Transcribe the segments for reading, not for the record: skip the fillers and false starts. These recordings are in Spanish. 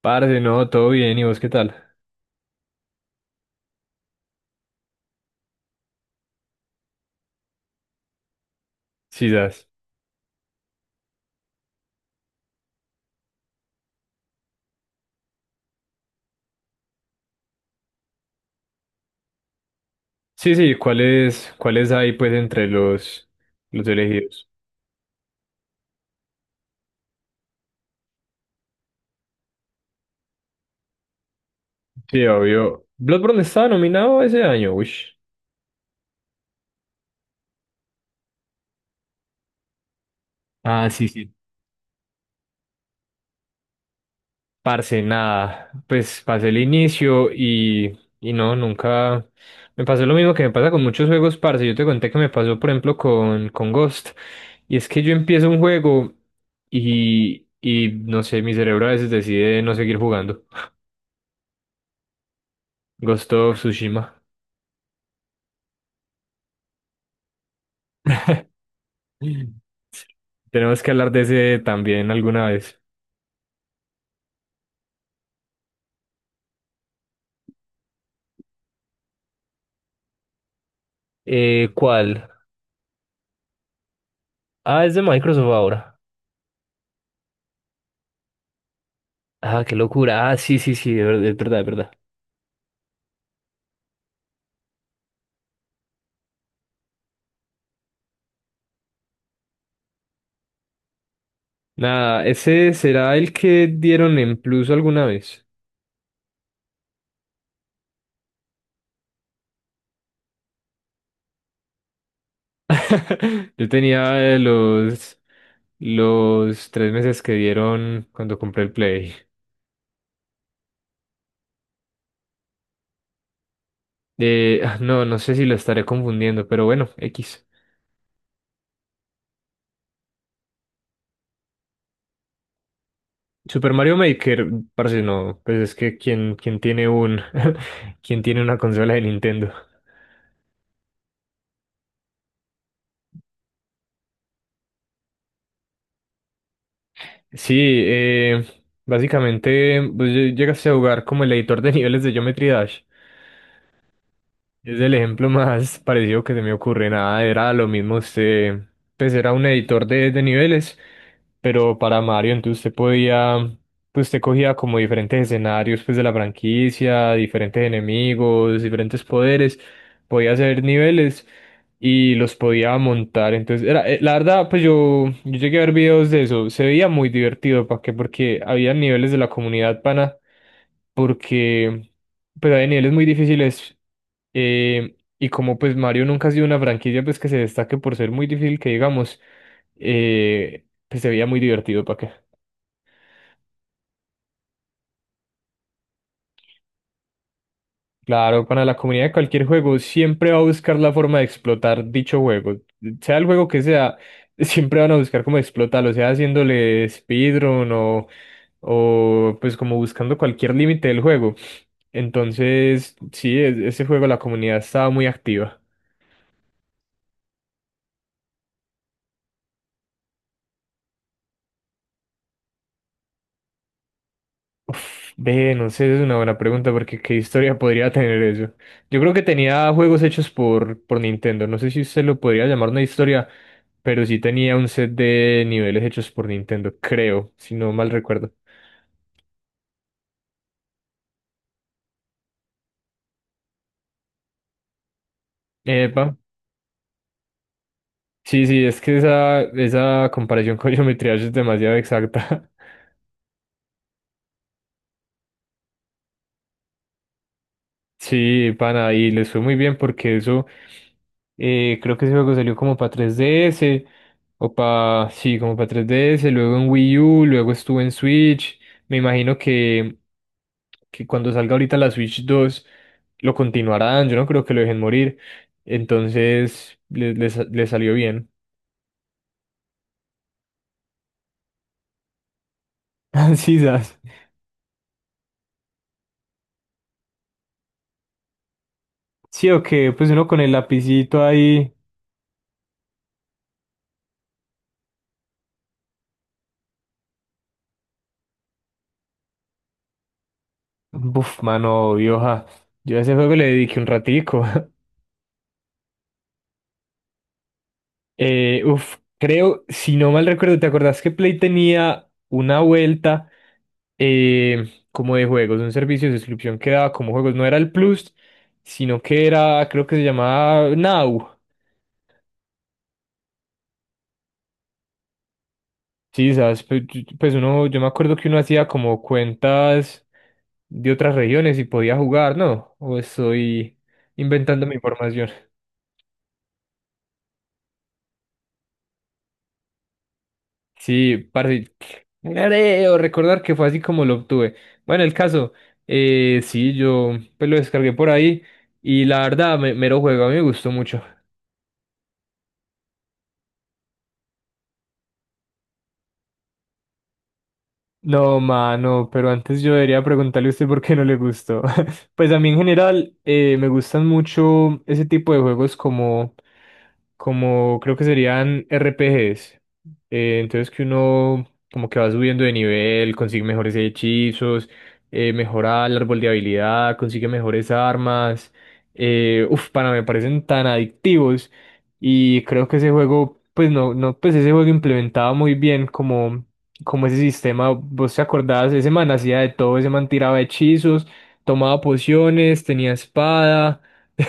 Parce, no, todo bien, ¿y vos qué tal? Sí, das. Sí, sí, ¿cuáles hay pues entre los elegidos? Sí, obvio. Bloodborne estaba nominado ese año, uy. Ah, sí, sí. Parce, nada, pues pasé el inicio y no, nunca me pasó lo mismo que me pasa con muchos juegos, parce. Yo te conté que me pasó, por ejemplo, con Ghost. Y es que yo empiezo un juego y no sé, mi cerebro a veces decide no seguir jugando. Ghost of Tsushima. Tenemos que hablar de ese también alguna vez. ¿Cuál? Ah, es de Microsoft ahora. Ah, qué locura. Ah, sí, sí, sí, de verdad, de verdad, de verdad. Nada, ese será el que dieron en Plus alguna vez. Yo tenía los tres meses que dieron cuando compré el Play. Ah, no, no sé si lo estaré confundiendo, pero bueno, X. Super Mario Maker, parece no, pues es que quien tiene un, quien tiene una consola de Nintendo. Sí, eh, básicamente pues, llegaste a jugar como el editor de niveles de Geometry Dash. Es el ejemplo más parecido que se me ocurre. Nada, era lo mismo. Usted, pues era un editor de niveles pero para Mario, entonces usted podía, pues usted cogía como diferentes escenarios pues de la franquicia, diferentes enemigos, diferentes poderes, podía hacer niveles y los podía montar. Entonces, era, la verdad, pues yo llegué a ver videos de eso, se veía muy divertido, ¿para qué? Porque había niveles de la comunidad pana, porque pues había niveles muy difíciles. eh, y como pues Mario nunca ha sido una franquicia pues que se destaque por ser muy difícil que digamos, pues se veía muy divertido, ¿para qué? Claro, para la comunidad de cualquier juego siempre va a buscar la forma de explotar dicho juego. Sea el juego que sea, siempre van a buscar cómo explotarlo, sea haciéndole speedrun o pues como buscando cualquier límite del juego. Entonces, sí, ese juego la comunidad estaba muy activa. Uf, Ve, no sé, es una buena pregunta porque qué historia podría tener eso. Yo creo que tenía juegos hechos por Nintendo. No sé si se lo podría llamar una historia, pero sí tenía un set de niveles hechos por Nintendo, creo, si no mal recuerdo. Epa, sí, sí, es que esa comparación con Geometry Dash es demasiado exacta. Sí, pana, y les fue muy bien porque eso, creo que ese juego salió como para 3DS, o para, sí, como para 3DS, luego en Wii U, luego estuvo en Switch. Me imagino que cuando salga ahorita la Switch 2 lo continuarán, yo no creo que lo dejen morir. Entonces, les salió bien. Sí, sas. Sí, o que pues uno con el lapicito ahí. Buf, mano, vieja. Yo a ese juego le dediqué un ratico. Uf, creo, si no mal recuerdo, ¿te acordás que Play tenía una vuelta como de juegos, un servicio de suscripción que daba como juegos? No era el Plus, sino que era, creo que se llamaba Now. Sí, sabes, pues uno, yo me acuerdo que uno hacía como cuentas de otras regiones y podía jugar, ¿no? O estoy inventando mi información. Sí, parce, creo recordar que fue así como lo obtuve. Bueno, el caso, sí, yo pues lo descargué por ahí y la verdad, me, mero juego, a mí me gustó mucho. No, mano, pero antes yo debería preguntarle a usted por qué no le gustó. Pues a mí en general me gustan mucho ese tipo de juegos como creo que serían RPGs. Entonces que uno como que va subiendo de nivel, consigue mejores hechizos, mejora el árbol de habilidad, consigue mejores armas. Uf, pana, me parecen tan adictivos. Y creo que ese juego, pues no, no, pues ese juego implementaba muy bien como ese sistema, vos te acordás, ese man hacía de todo, ese man tiraba hechizos, tomaba pociones, tenía espada.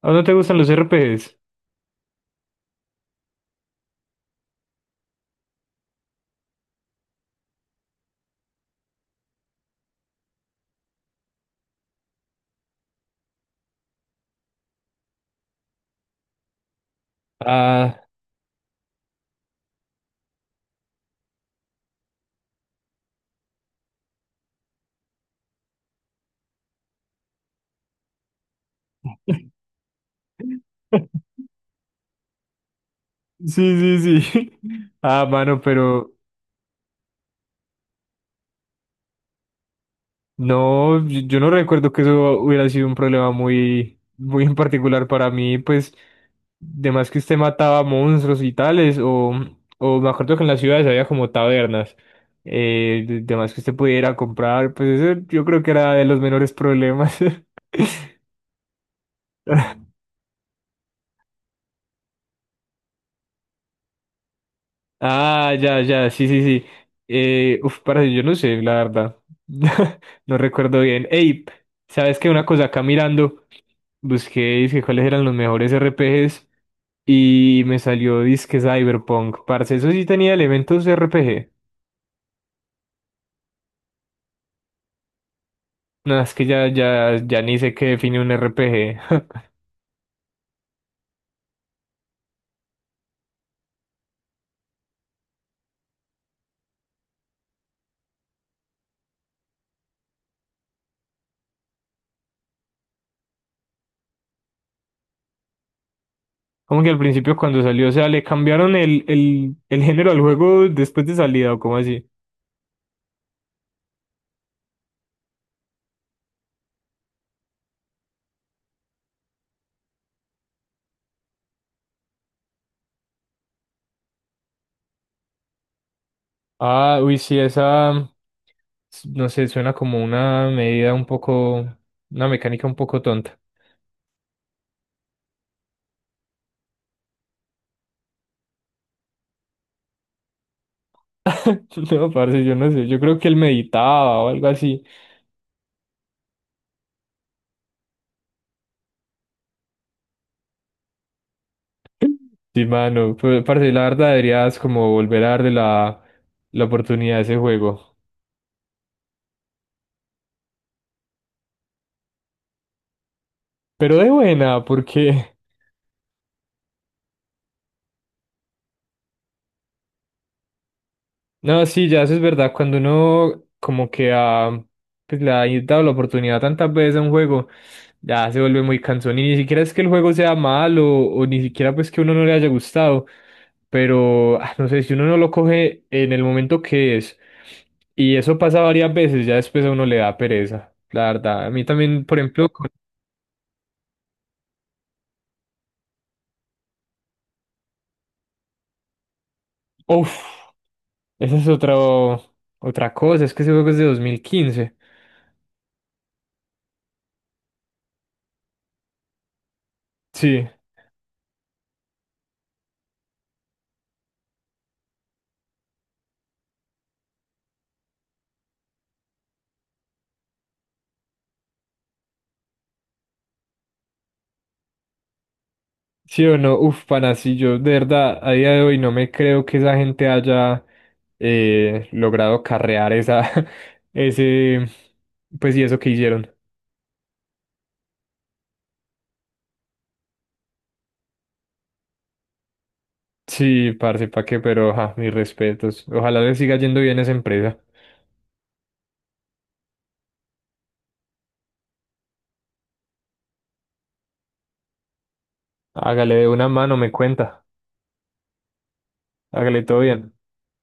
¿A no te gustan los RPGs? Ah, sí, sí, sí. Ah, mano, pero no, yo no recuerdo que eso hubiera sido un problema muy, muy en particular para mí, pues, de más que usted mataba monstruos y tales, o me acuerdo que en las ciudades había como tabernas, de más que usted pudiera comprar, pues eso yo creo que era de los menores problemas. Ah, ya, ya, sí, sí, sí. Uf, para yo no sé, la verdad. No recuerdo bien. Ey, ¿sabes qué? Una cosa acá mirando, busqué, dije cuáles eran los mejores R P RPGs y me salió disque Cyberpunk. Parce, eso sí tenía elementos R P G. No, es que ya, ya, ya ni sé qué define un R P G. Como que al principio cuando salió, o sea, le cambiaron el, el género al juego después de salida, o cómo así. Ah, uy, sí, esa, no sé, suena como una medida un poco, una mecánica un poco tonta. No, parce, yo no sé, yo creo que él meditaba o algo así. Sí, mano, pues, parce, la verdad deberías como volver a darle la oportunidad a ese juego. Pero de buena, porque... No, sí, ya eso es verdad. Cuando uno como que ha, pues, le ha dado la oportunidad tantas veces a un juego, ya se vuelve muy cansón. Y ni siquiera es que el juego sea malo o ni siquiera pues que a uno no le haya gustado. Pero, ah, no sé, si uno no lo coge en el momento que es, y eso pasa varias veces, ya después a uno le da pereza. La verdad, a mí también, por ejemplo, con... Uf, esa es otra cosa, es que ese juego es de 2015. Sí. Sí o no, uf, pana, sí, yo de verdad a día de hoy no me creo que esa gente haya logrado carrear esa, ese, pues y eso que hicieron. Sí, parce, pa' qué, pero ja, mis respetos. Ojalá le siga yendo bien a esa empresa. Hágale de una mano, me cuenta. Hágale todo bien.